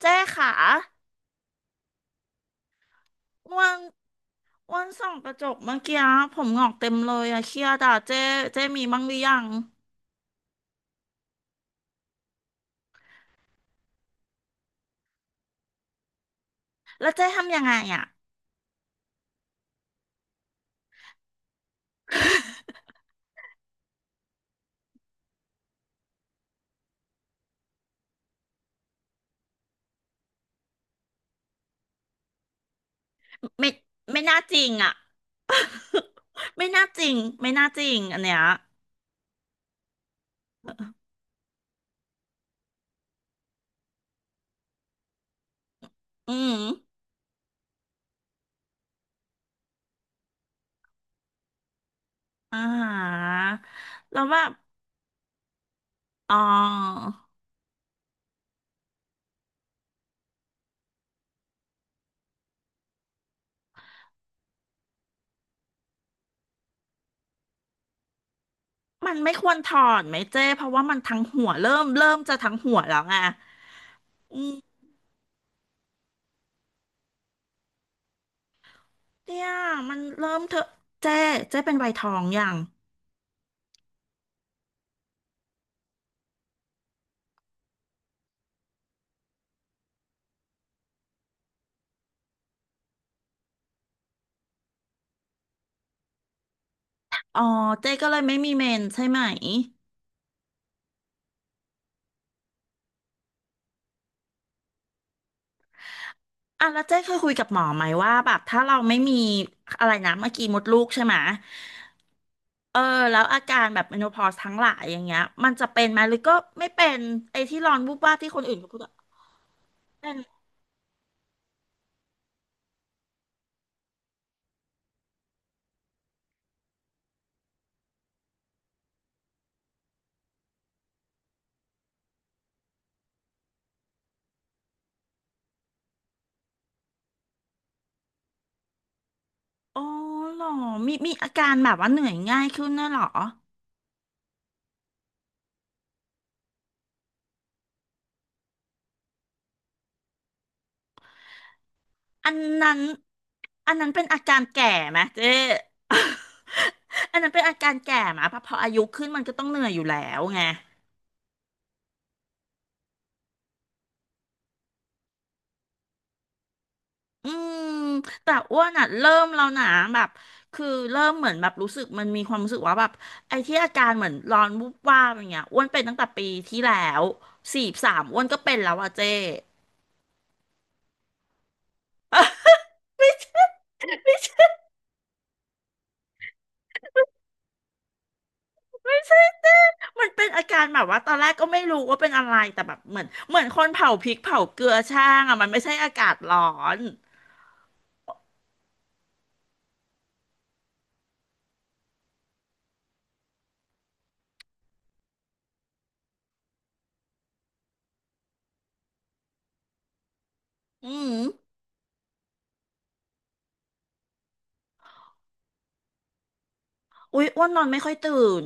เจ๊ขาอ้วันอ้วันส่องกระจกเมื่อกี้ผมงอกเต็มเลยอะเครียดอะเจ๊เจ๊มีบ้างหรือยังแล้วเจ๊ทำยังไงอะไม่ไม่น่าจริงอะ ไม่น่าจริงไม่น่าจริงอันเนี้ยอืมอ่าแล้วแบบอ๋อมันไม่ควรถอนไหมเจ๊เพราะว่ามันทั้งหัวเริ่มจะทั้งหัวแล้วไงอืมเนี่ยมันเริ่มเถอะเจ๊เจ๊เป็นวัยทองอย่างอ๋อเจ๊ก็เลยไม่มีเมนใช่ไหม อ่ะแล้วเจ๊เคยคุยกับหมอไหมว่าแบบถ้าเราไม่มีอะไรนะเมื่อกี้มดลูกใช่ไหมเออแล้วอาการแบบเมโนพอสทั้งหลายอย่างเงี้ยมันจะเป็นไหมหรือก็ไม่เป็นไอ้ที่ร้อนวูบวาบที่คนอื่นเขาพูดอะเป็นอ๋อเหรอมีอาการแบบว่าเหนื่อยง่ายขึ้นด้วยเหรออันนั้นอันนั้นเป็นอาการแก่ไหมเจ๊ อันนั้นเป็นอาการแก่ไหมเพราะพออายุขึ้นมันก็ต้องเหนื่อยอยู่แล้วไง อืมแต่อ้วนอ่ะเริ่มแล้วนะแบบคือเริ่มเหมือนแบบรู้สึกมันมีความรู้สึกว่าแบบไอ้ที่อาการเหมือนร้อนวูบวาบอย่างเงี้ยอ้วนเป็นตั้งแต่ปีที่แล้วสี่สามอ้วนก็เป็นแล้วอะเจ้มันเป็นอาการแบบว่าตอนแรกก็ไม่รู้ว่าเป็นอะไรแต่แบบเหมือนคนเผาพริกเผาเกลือช่างอ่ะมันไม่ใช่อากาศร้อนอืมอุ๊ยอ้วนนอนไม่ค่อยตื่น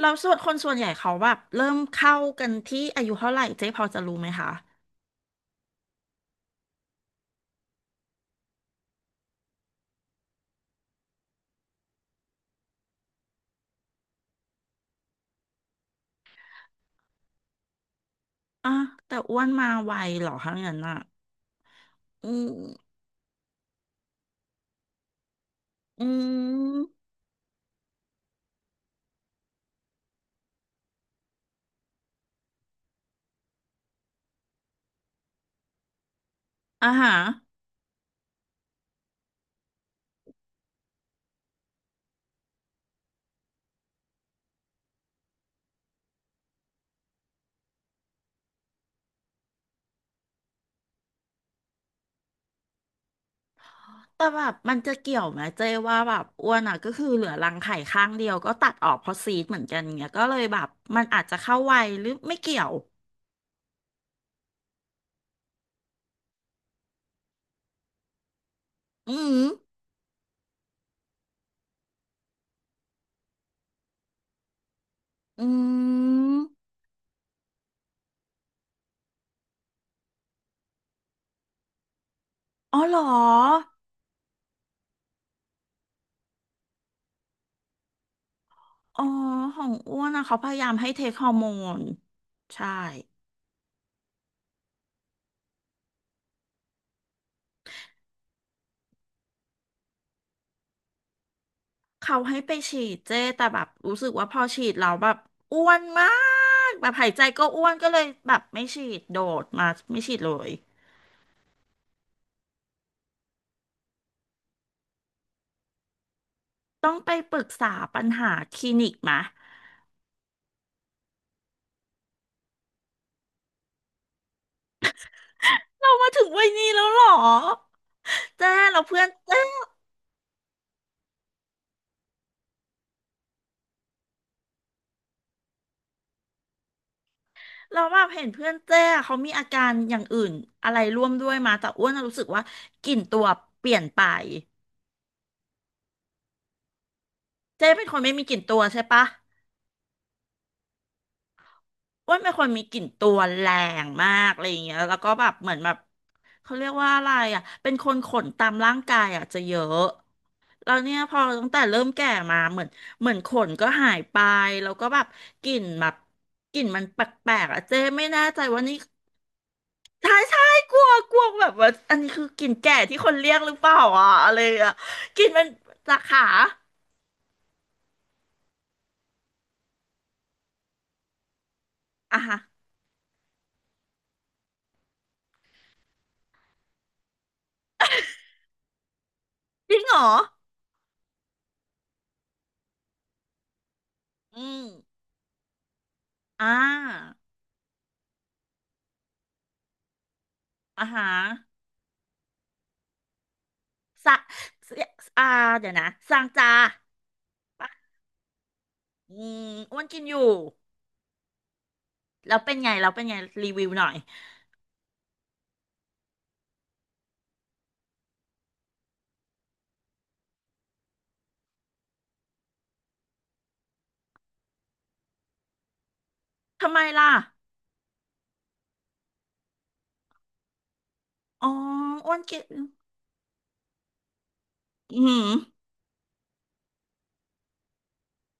เราส่วนคนส่วนใหญ่เขาแบบเริ่มเข้ากันที่อายุเท่าไหร่เจ๊พอจะรู้ไหมคะอ่ะแต่อ้วนมาไวเหรอคะงั้นอ่ะ อืมอืมอ่าฮะแต่แบบมันจะเกี่ยวไหมเจ๊ว่าแบบอ้วนอ่ะก็คือเหลือรังไข่ข้างเดียวก็ตัดออกเพราะซีดเหมือนกันเงี้ยก็เลยแบบมันอาจจะเข้าวัยหรือไม่เกี่ยวอืมอืมอ๋อเหรออ๋อของอ้วนอะเขาพยายามให้เทคฮอร์โมนใช่เขาให้ไปฉีดเจ้แต่แบบรู้สึกว่าพอฉีดเราแล้วแบบอ้วนมากแบบหายใจก็อ้วนก็เลยแบบไม่ฉีดโดดมาไม่ฉีดเลย ต้องไปปรึกษาปัญหาคลินิกมะเรามาถึงวัยนี้แล้วเหรอเจ้เราเพื่อนเจ้เราแบบเห็นเพื่อนเจ้เขามีอาการอย่างอื่นอะไรร่วมด้วยมาแต่อ้วนน่ะรู้สึกว่ากลิ่นตัวเปลี่ยนไปเจ้เป็นคนไม่มีกลิ่นตัวใช่ปะอ้วนเป็นคนมีกลิ่นตัวแรงมากอะไรอย่างเงี้ยแล้วก็แบบเหมือนแบบเขาเรียกว่าอะไรอ่ะ เป็นคนขนตามร่างกายอ่ะจะเยอะ เราเนี่ยพอตั้งแต่เริ่มแก่มาเหมือนเหมือนขนก็หายไปแล้วก็แบบกลิ่นแบบกลิ่นมันแปลกๆอะเจ๊ไม่แน่ใจว่านี่ใช่ใช่กลัวกลัวแบบว่าอันนี้คือกลิ่นแก่ที่คนเรียกหรือเปล่าอ่ะอะไรอ่ะกลิ่นมันจากขาอ่ะฮะจริงเหรออืมอ่าอ่ะฮะสะเอ่าเดี๋ยวนะสางจาปะอืมอ้วนกินอยู่แล้วเป็นไงแล้วเป็นไงรีวิวหน่อยทำไมล่ะอ๋ออ้วนกิน อืม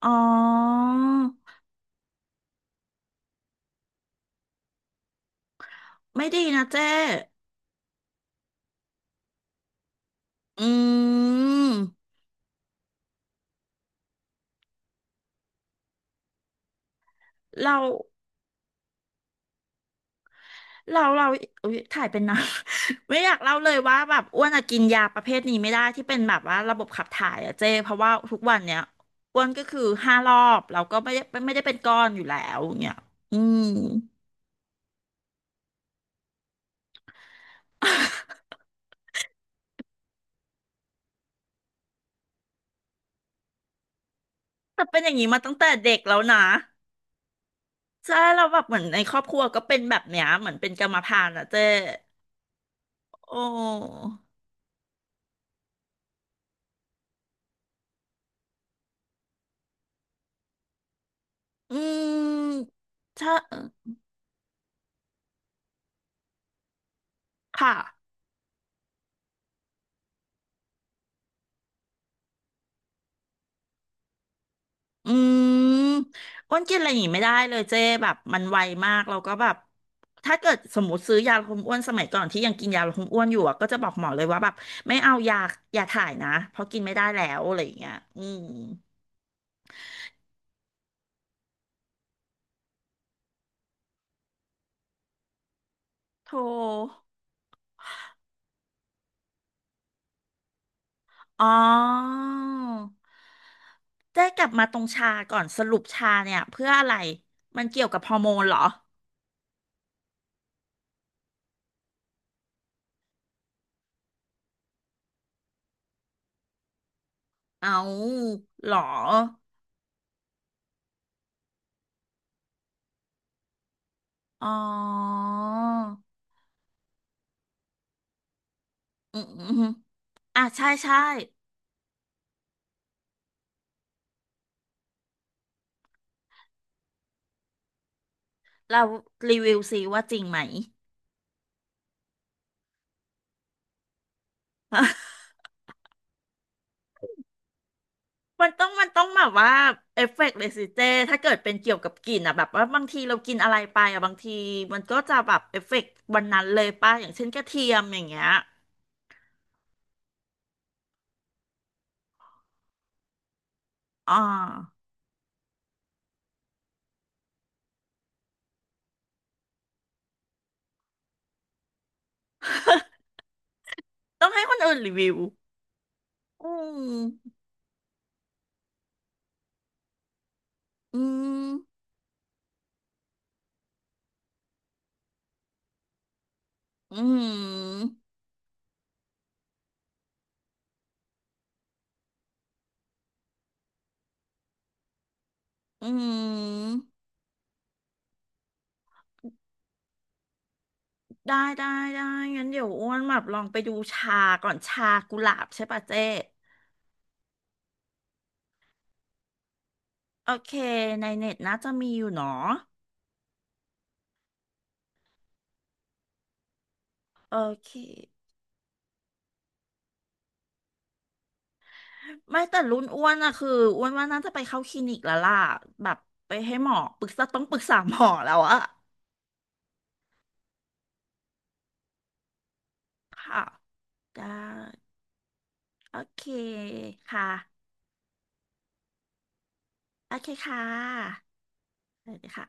อ๋อไม่ดีนะเจ้อืมเราเราเราอุ๊ยถ่ายเป็นนะ ไม่อยากเล่าเลยว่าแบบอ้วนอะกินยาประเภทนี้ไม่ได้ที่เป็นแบบว่าระบบขับถ่ายอะเจ้เพราะว่าทุกวันเนี้ยอ้วนก็คือห้ารอบเราก็ไม่ได้เป็นก้อนอยู่แล้วเนี่ยอืม แต่เป็นอย่างนี้มาตั้งแต่เด็กแล้วนะใช่เราแล้วแบบเหมือนในครอบครัวก็เป็นแบบเนี้ยเหมือนเป็นกรรมพันธุ์อะเจ้โอ้ อืม ถ้าเออค่ะ อืมอ้วนกินอะไรอย่างงี้ไม่ได้เลยเจ๊แบบมันไวมากเราก็แบบถ้าเกิดสมมติซื้อยาลดความอ้วนสมัยก่อนที่ยังกินยาลดความอ้วนอยู่อะก็จะบอกหมอเลยว่าแบบไม่เอายายาถ่ายนะเพราะกินไม่ได้แล้วอะไรอย่างเงี้ยอืมโทรอ๋อเจ๊กลับมาตรงชาก่อนสรุปชาเนี่ยเพื่ออะไร มันเกี่ยวกับฮอร์โมนเหรอ เอาเหรออ๋ออืม อ่ะใช่ใช่เรารีวิวซิว่าจริงไหม มันต้องแบบว่าเอฟเฟกต์เลยสิเจถ้าเกิดเป็นเกี่ยวกับกลิ่นอ่ะแบบว่าบางทีเรากินอะไรไปอ่ะบางทีมันก็จะแบบเอฟเฟกต์วันนั้นเลยป่ะอย่างเช่นกระเทียมอย่างเงี้ยอ่า ต้องให้คนอื่นรีวิวอืมอืมอืมอืมได้ได้ได้งั้นเดี๋ยวอ้วนแบบลองไปดูชาก่อนชากุหลาบใช่ป่ะเจ๊โอเคในเน็ตน่าจะมีอยู่เนาะ โอเคไม่แต่รุ่นอ้วนอะคืออ้วนว่าน่าจะไปเข้าคลินิกแล้วล่ะแบบไปให้หมอปรึกษาต้องปรึกษาหมอแล้วอะค่ะได้โอเคค่ะโอเคค่ะสวัสดีค่ะ